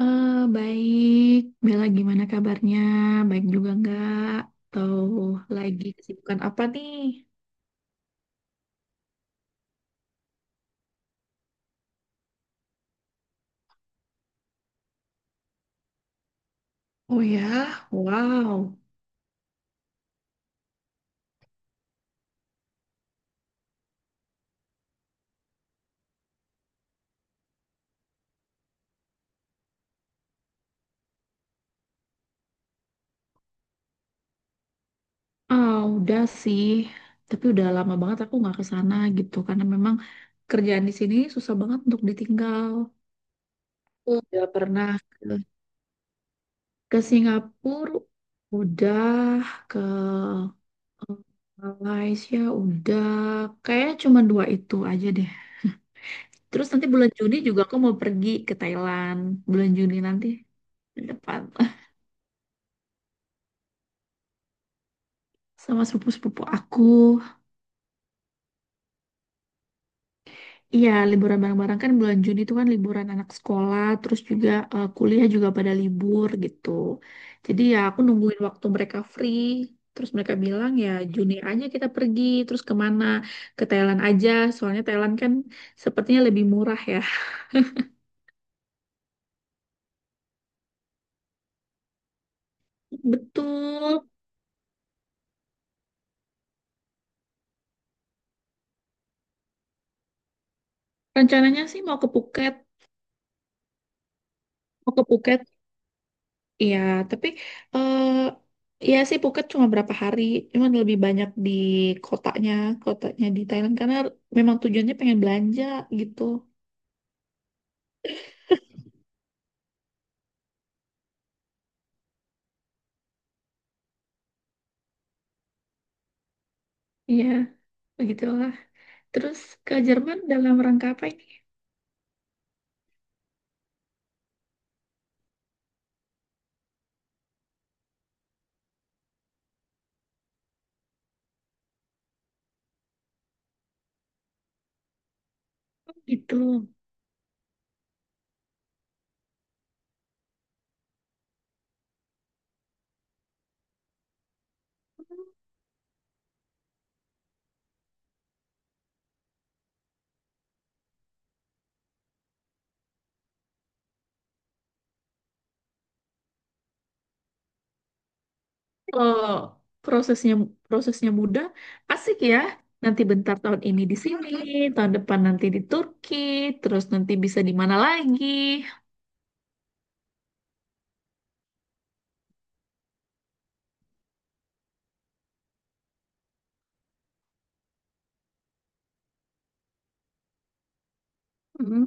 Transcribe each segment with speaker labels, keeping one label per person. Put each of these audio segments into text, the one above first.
Speaker 1: Eh, Baik, Bella gimana kabarnya? Baik juga nggak? Atau lagi kesibukan apa nih? Oh ya, wow. Udah sih, tapi udah lama banget aku nggak ke sana gitu karena memang kerjaan di sini susah banget untuk ditinggal. Udah pernah ke, ke Singapura, udah ke Malaysia, udah. Kayaknya cuma dua itu aja deh. Terus nanti bulan Juni juga aku mau pergi ke Thailand. Bulan Juni nanti bulan depan sama sepupu-sepupu aku. Iya, liburan bareng-bareng kan bulan Juni itu kan liburan anak sekolah, terus juga kuliah juga pada libur gitu. Jadi ya aku nungguin waktu mereka free. Terus mereka bilang ya Juni aja kita pergi, terus kemana? Ke Thailand aja, soalnya Thailand kan sepertinya lebih murah ya. Betul. Rencananya sih mau ke Phuket, mau ke Phuket Iya, tapi eh ya sih Phuket cuma berapa hari, cuman lebih banyak di kotanya, kotanya di Thailand karena memang tujuannya pengen belanja gitu. Iya, begitulah. Terus ke Jerman dalam rangka apa ini? Gitu. Oh, prosesnya prosesnya mudah, asik ya. Nanti bentar tahun ini di sini, tahun depan nanti di Turki, terus nanti bisa di mana lagi. Mm.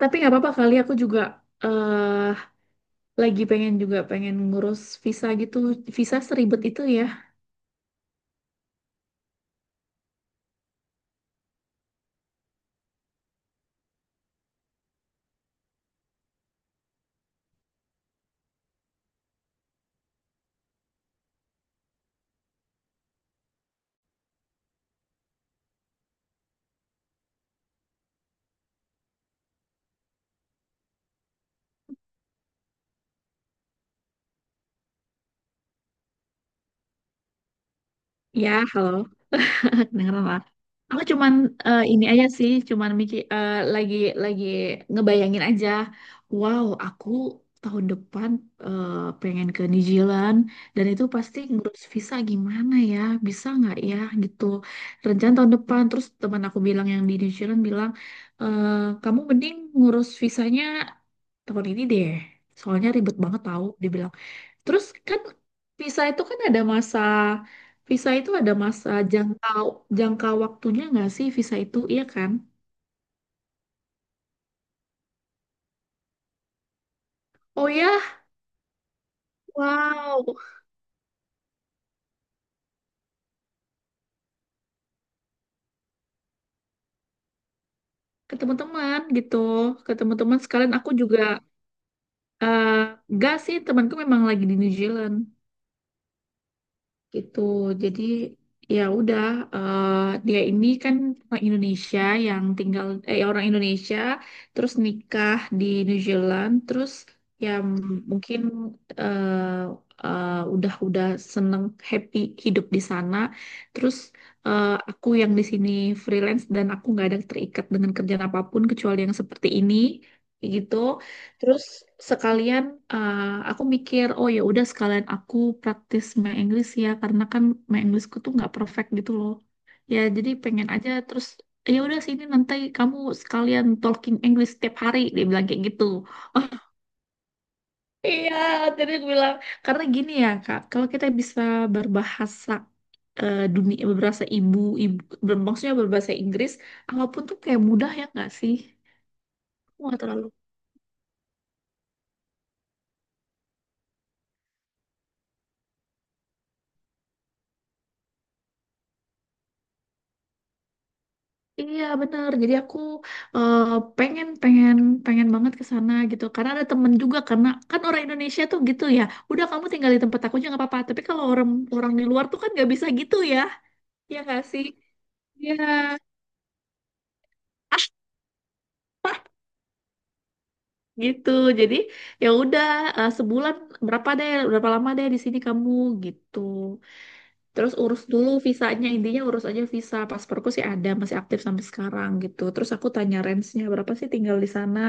Speaker 1: Tapi nggak apa-apa kali aku juga eh, lagi pengen juga pengen ngurus visa gitu. Visa seribet itu ya. Ya, halo. Kedengeran lah. Aku cuman ini aja sih, cuman mikir lagi ngebayangin aja. Wow, aku tahun depan eh, pengen ke New Zealand dan itu pasti ngurus visa gimana ya? Bisa nggak ya gitu. Rencana tahun depan terus teman aku bilang yang di New Zealand bilang, "Eh, kamu mending ngurus visanya tahun ini deh. Soalnya ribet banget tahu," dibilang. Terus kan visa itu kan ada masa, visa itu ada masa jangka jangka waktunya nggak sih visa itu iya kan? Oh ya, wow, ke teman-teman gitu, ke teman-teman sekalian aku juga eh, nggak sih temanku memang lagi di New Zealand. Gitu. Jadi ya udah, eh, dia ini kan orang Indonesia yang tinggal, orang Indonesia terus nikah di New Zealand. Terus ya mungkin eh, eh, udah seneng, happy hidup di sana. Terus aku yang di sini freelance dan aku nggak ada terikat dengan kerjaan apapun kecuali yang seperti ini, kayak gitu. Terus sekalian eh, aku mikir, oh ya udah sekalian aku praktis my English ya karena kan my Englishku tuh nggak perfect gitu loh. Ya jadi pengen aja. Terus ya udah sini nanti kamu sekalian talking English setiap hari, dia bilang kayak gitu. Oh iya, jadi aku bilang, karena gini ya Kak, kalau kita bisa berbahasa, dunia berbahasa ibu, maksudnya berbahasa Inggris, apapun tuh kayak mudah ya nggak sih? Nggak terlalu. Iya bener. Jadi aku eh, pengen pengen pengen banget ke sana gitu. Karena ada temen juga, karena kan orang Indonesia tuh gitu ya. Udah, kamu tinggal di tempat aku aja nggak apa-apa. Tapi kalau orang orang di luar tuh kan nggak bisa gitu ya. Ya nggak sih? Iya. Ah, Gitu. Jadi ya udah, sebulan berapa deh, berapa lama deh di sini kamu gitu. Terus urus dulu visanya, intinya urus aja visa. Pasporku sih ada, masih aktif sampai sekarang gitu. Terus aku tanya range-nya berapa sih tinggal di sana,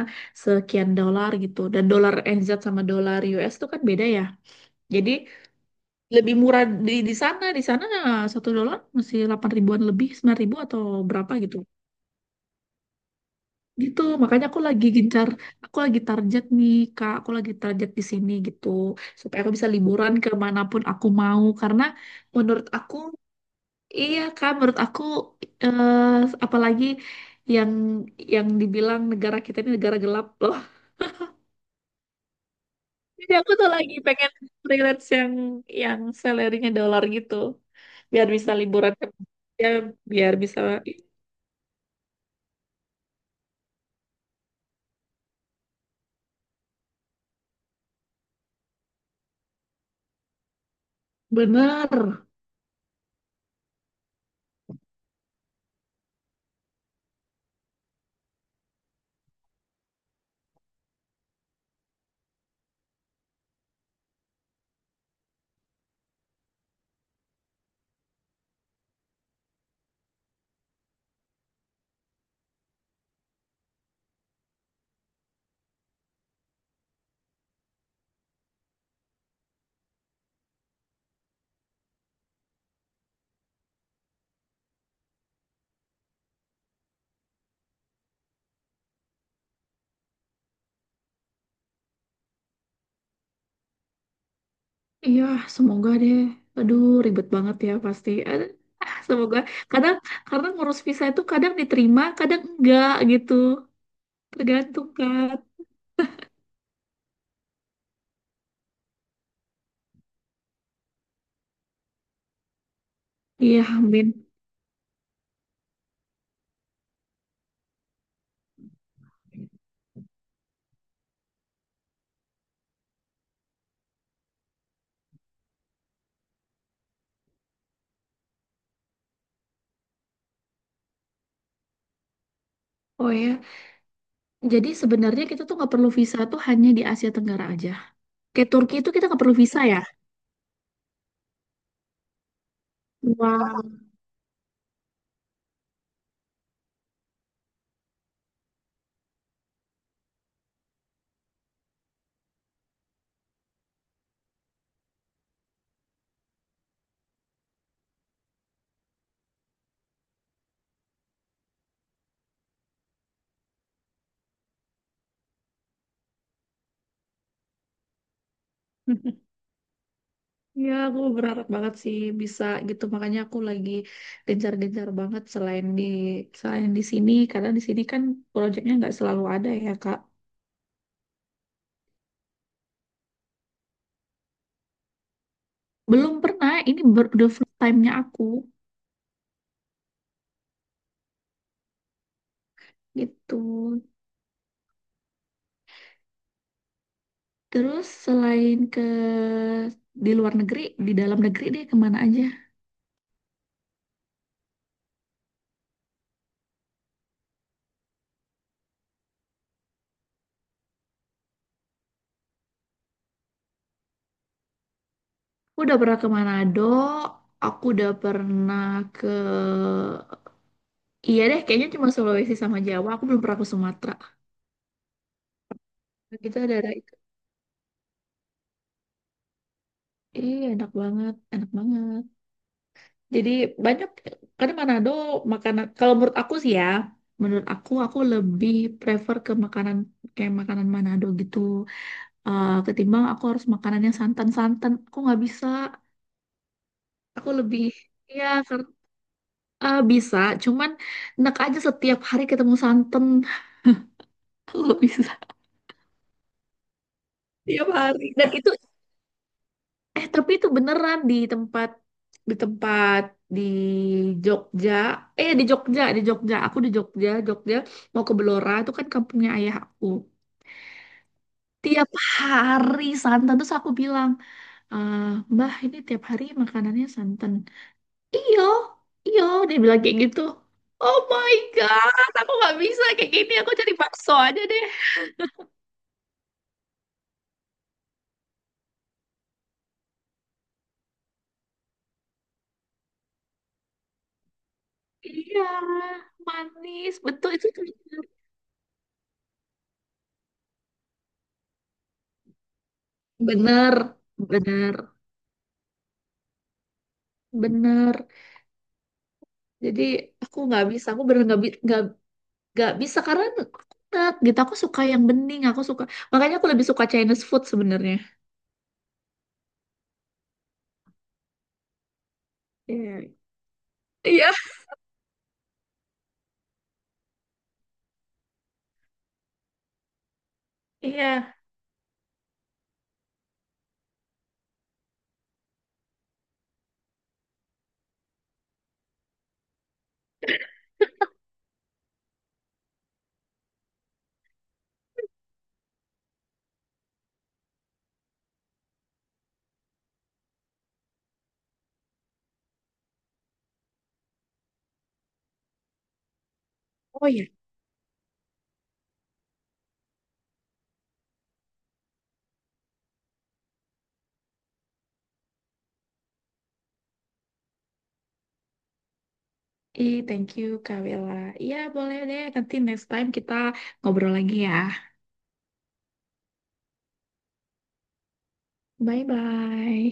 Speaker 1: sekian dolar gitu. Dan dolar NZ sama dolar US tuh kan beda ya. Jadi lebih murah di sana, di sana 1 dolar masih 8 ribuan lebih, 9 ribu atau berapa gitu. Gitu, makanya aku lagi gencar, aku lagi target nih, Kak, aku lagi target di sini gitu. Supaya aku bisa liburan kemanapun aku mau, karena menurut aku, iya kan, menurut aku eh, apalagi yang yang dibilang negara kita ini negara gelap loh. Jadi aku tuh lagi pengen freelance yang salarynya dolar gitu, biar bisa liburan ke, ya, biar bisa. Bener, iya semoga deh. Aduh ribet banget ya pasti. Aduh, semoga. Kadang karena ngurus visa itu kadang diterima, kadang enggak gitu. Tergantung kan. Iya, amin. Oh ya, jadi sebenarnya kita tuh nggak perlu visa tuh hanya di Asia Tenggara aja. Kayak Turki itu kita nggak perlu visa ya? Wow. Ya, aku berharap banget sih bisa gitu. Makanya aku lagi gencar-gencar banget selain di, sini, karena di sini kan proyeknya nggak selalu ada ya, Kak. Belum pernah, ini baru the first time-nya aku gitu. Terus selain ke di luar negeri, di dalam negeri deh kemana aja? Aku udah pernah ke Manado, aku udah pernah ke Iya deh, kayaknya cuma Sulawesi sama Jawa. Aku belum pernah ke Sumatera. Kita daerah itu. Iya, enak banget, enak banget. Jadi banyak, karena Manado makanan, kalau menurut aku sih ya, menurut aku lebih prefer ke makanan, kayak makanan Manado gitu. Ketimbang aku harus makanan yang santan-santan. Aku nggak bisa, aku lebih, iya, bisa. Cuman, enak aja setiap hari ketemu santan. Aku nggak bisa. Tiap hari. Dan itu tapi itu beneran di tempat, di tempat di Jogja, di Jogja aku di Jogja Jogja mau ke Belora, itu kan kampungnya ayah aku. Tiap hari santan, terus aku bilang, "Eh, Mbah, ini tiap hari makanannya santan." Iyo, iyo, dia bilang kayak gitu. Oh my God, aku nggak bisa kayak gini. Aku cari bakso aja deh. Iya, manis. Betul, itu bener. Bener, bener, bener. Jadi aku nggak bisa, aku bener nggak bisa karena aku nggak gitu. Aku suka yang bening, aku suka. Makanya aku lebih suka Chinese food sebenarnya. Iya, iya, iya. Oh iya. Ih, thank you Kak Bella. Iya, boleh deh. Nanti next time kita ngobrol lagi ya. Bye bye.